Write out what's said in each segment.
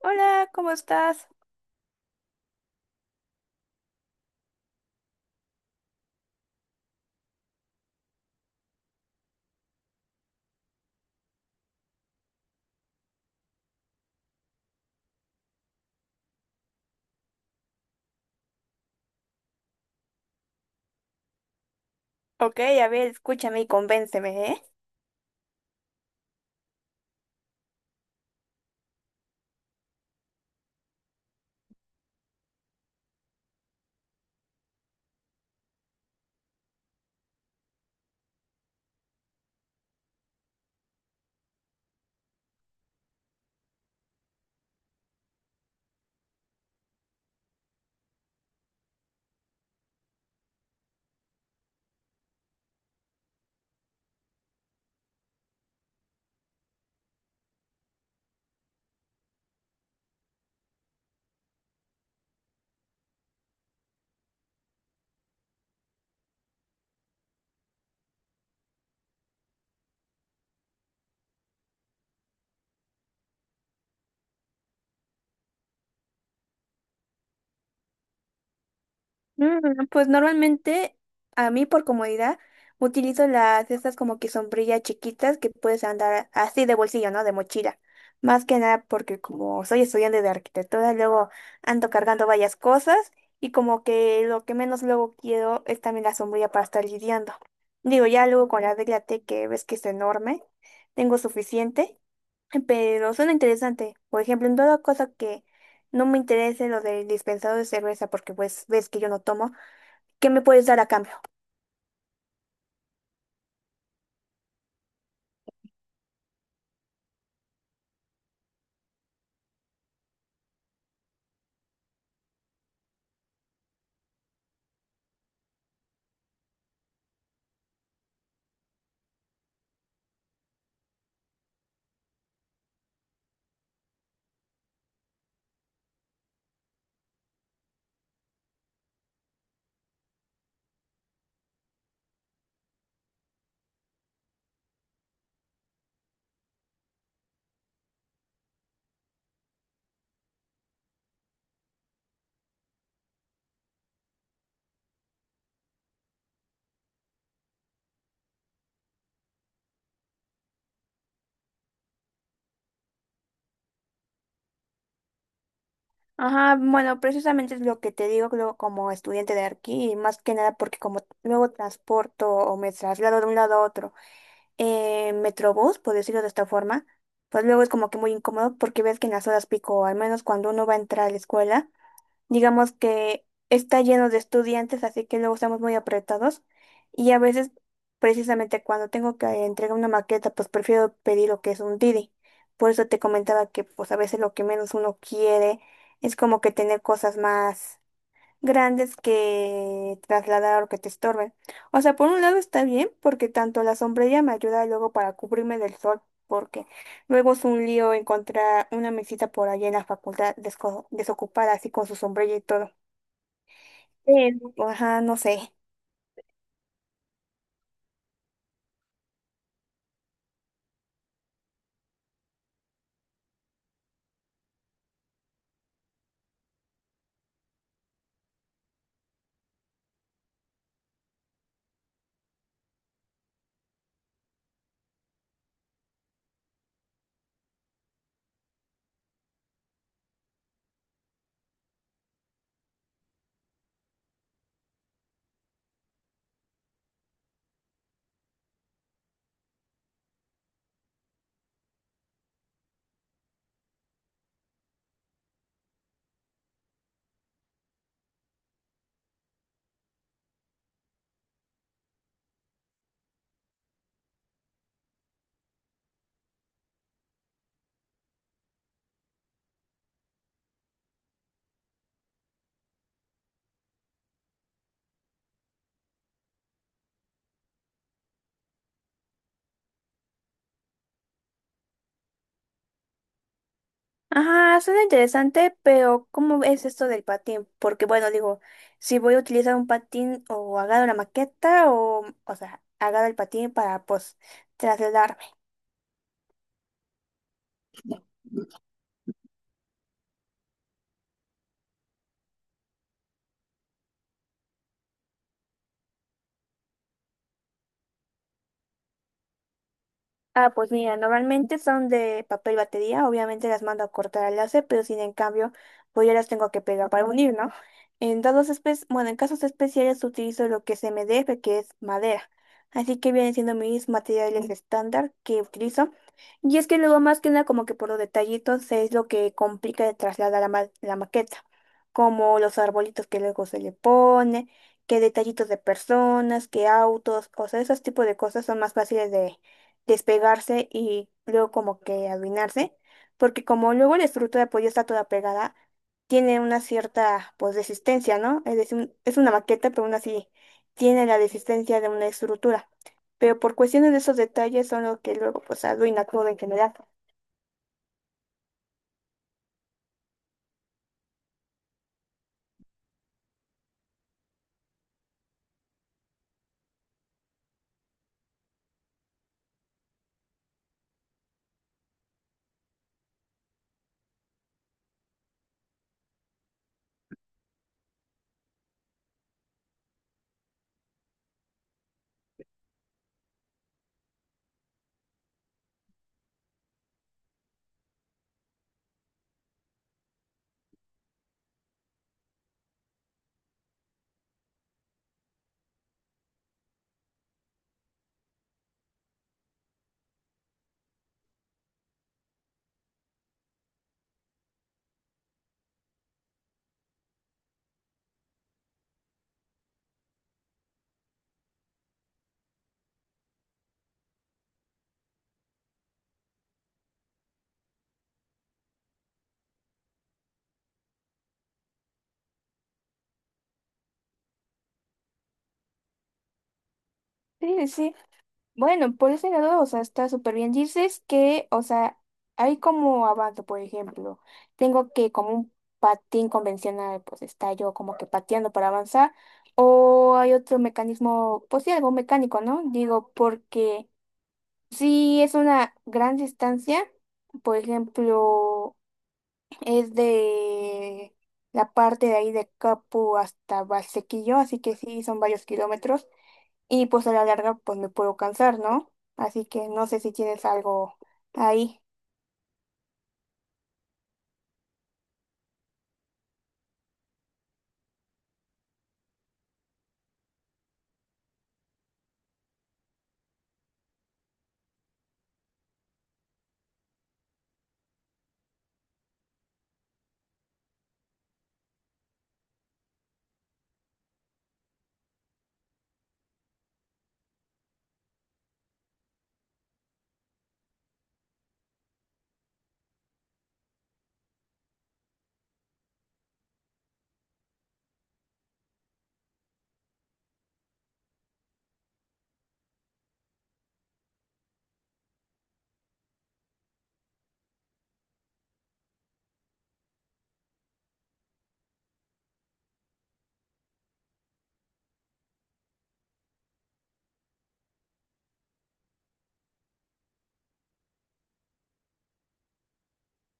Hola, ¿cómo estás? Ok, a ver, escúchame y convénceme, ¿eh? Mm, pues normalmente, a mí por comodidad, utilizo las estas como que sombrillas chiquitas que puedes andar así de bolsillo, ¿no? De mochila. Más que nada porque como soy estudiante de arquitectura, luego ando cargando varias cosas y como que lo que menos luego quiero es también la sombrilla para estar lidiando. Digo, ya luego con la regla T que ves que es enorme, tengo suficiente. Pero suena interesante. Por ejemplo, en toda cosa que no me interese lo del dispensador de cerveza, porque pues ves que yo no tomo, ¿qué me puedes dar a cambio? Ajá, bueno, precisamente es lo que te digo luego como estudiante de aquí, y más que nada porque como luego transporto o me traslado de un lado a otro en Metrobús, por decirlo de esta forma, pues luego es como que muy incómodo porque ves que en las horas pico, o al menos cuando uno va a entrar a la escuela, digamos que está lleno de estudiantes, así que luego estamos muy apretados. Y a veces, precisamente cuando tengo que entregar una maqueta, pues prefiero pedir lo que es un Didi. Por eso te comentaba que pues a veces lo que menos uno quiere es como que tener cosas más grandes que trasladar o que te estorben. O sea, por un lado está bien porque tanto la sombrilla me ayuda luego para cubrirme del sol, porque luego es un lío encontrar una mesita por allá en la facultad desocupada así con su sombrilla y todo. Pero, ajá, no sé. Ajá, suena interesante, pero ¿cómo es esto del patín? Porque bueno, digo, si voy a utilizar un patín o agarro la maqueta o sea, agarro el patín para pues trasladarme. Ah, pues mira, normalmente son de papel batería, obviamente las mando a cortar al láser, pero sin en cambio, pues ya las tengo que pegar para unir, ¿no? En dados bueno, en casos especiales utilizo lo que es MDF, que es madera. Así que vienen siendo mis materiales estándar que utilizo. Y es que luego más que nada como que por los detallitos es lo que complica de trasladar la maqueta, como los arbolitos que luego se le pone, que detallitos de personas, que autos, o sea, esos tipos de cosas son más fáciles despegarse y luego como que arruinarse, porque como luego la estructura pues ya está toda pegada, tiene una cierta pues resistencia, ¿no? Es decir, es una maqueta, pero aún así tiene la resistencia de una estructura. Pero por cuestiones de esos detalles son lo que luego pues arruina todo en general. Sí, sí. Bueno, por ese lado, o sea, está súper bien. Dices que, o sea, hay como avance, por ejemplo, tengo que como un patín convencional, pues está yo como que pateando para avanzar, o hay otro mecanismo, pues sí, algo mecánico, ¿no? Digo, porque si es una gran distancia, por ejemplo, es de la parte de ahí de Capu hasta Valsequillo, así que sí, son varios kilómetros y pues a la larga pues me puedo cansar, ¿no? Así que no sé si tienes algo ahí.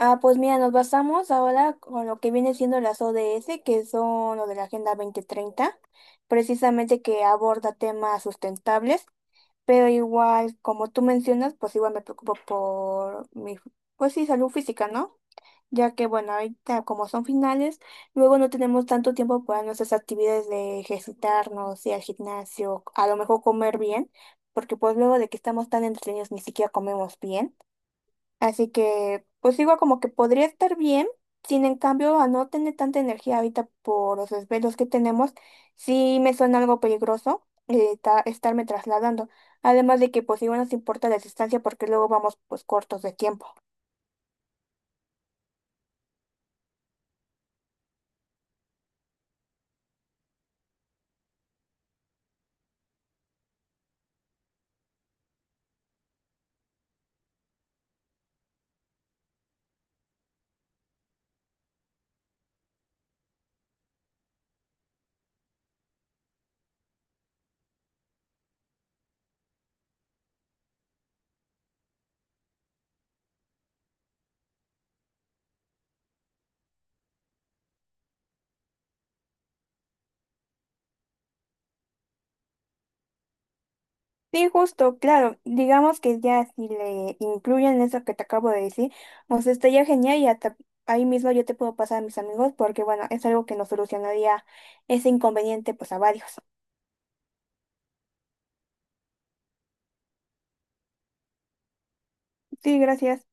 Ah, pues mira, nos basamos ahora con lo que viene siendo las ODS, que son lo de la Agenda 2030, precisamente que aborda temas sustentables, pero igual, como tú mencionas, pues igual me preocupo por mi, pues sí, salud física, ¿no? Ya que bueno, ahorita como son finales, luego no tenemos tanto tiempo para nuestras actividades de ejercitarnos, ir al gimnasio, a lo mejor comer bien, porque pues luego de que estamos tan entretenidos ni siquiera comemos bien. Así que pues digo como que podría estar bien, sin en cambio a no tener tanta energía ahorita por los desvelos que tenemos, sí me suena algo peligroso. Estarme trasladando, además de que pues igual nos importa la distancia porque luego vamos pues cortos de tiempo. Sí, justo, claro. Digamos que ya si le incluyen eso que te acabo de decir, pues estaría genial y hasta ahí mismo yo te puedo pasar a mis amigos porque bueno, es algo que nos solucionaría ese inconveniente pues a varios. Sí, gracias.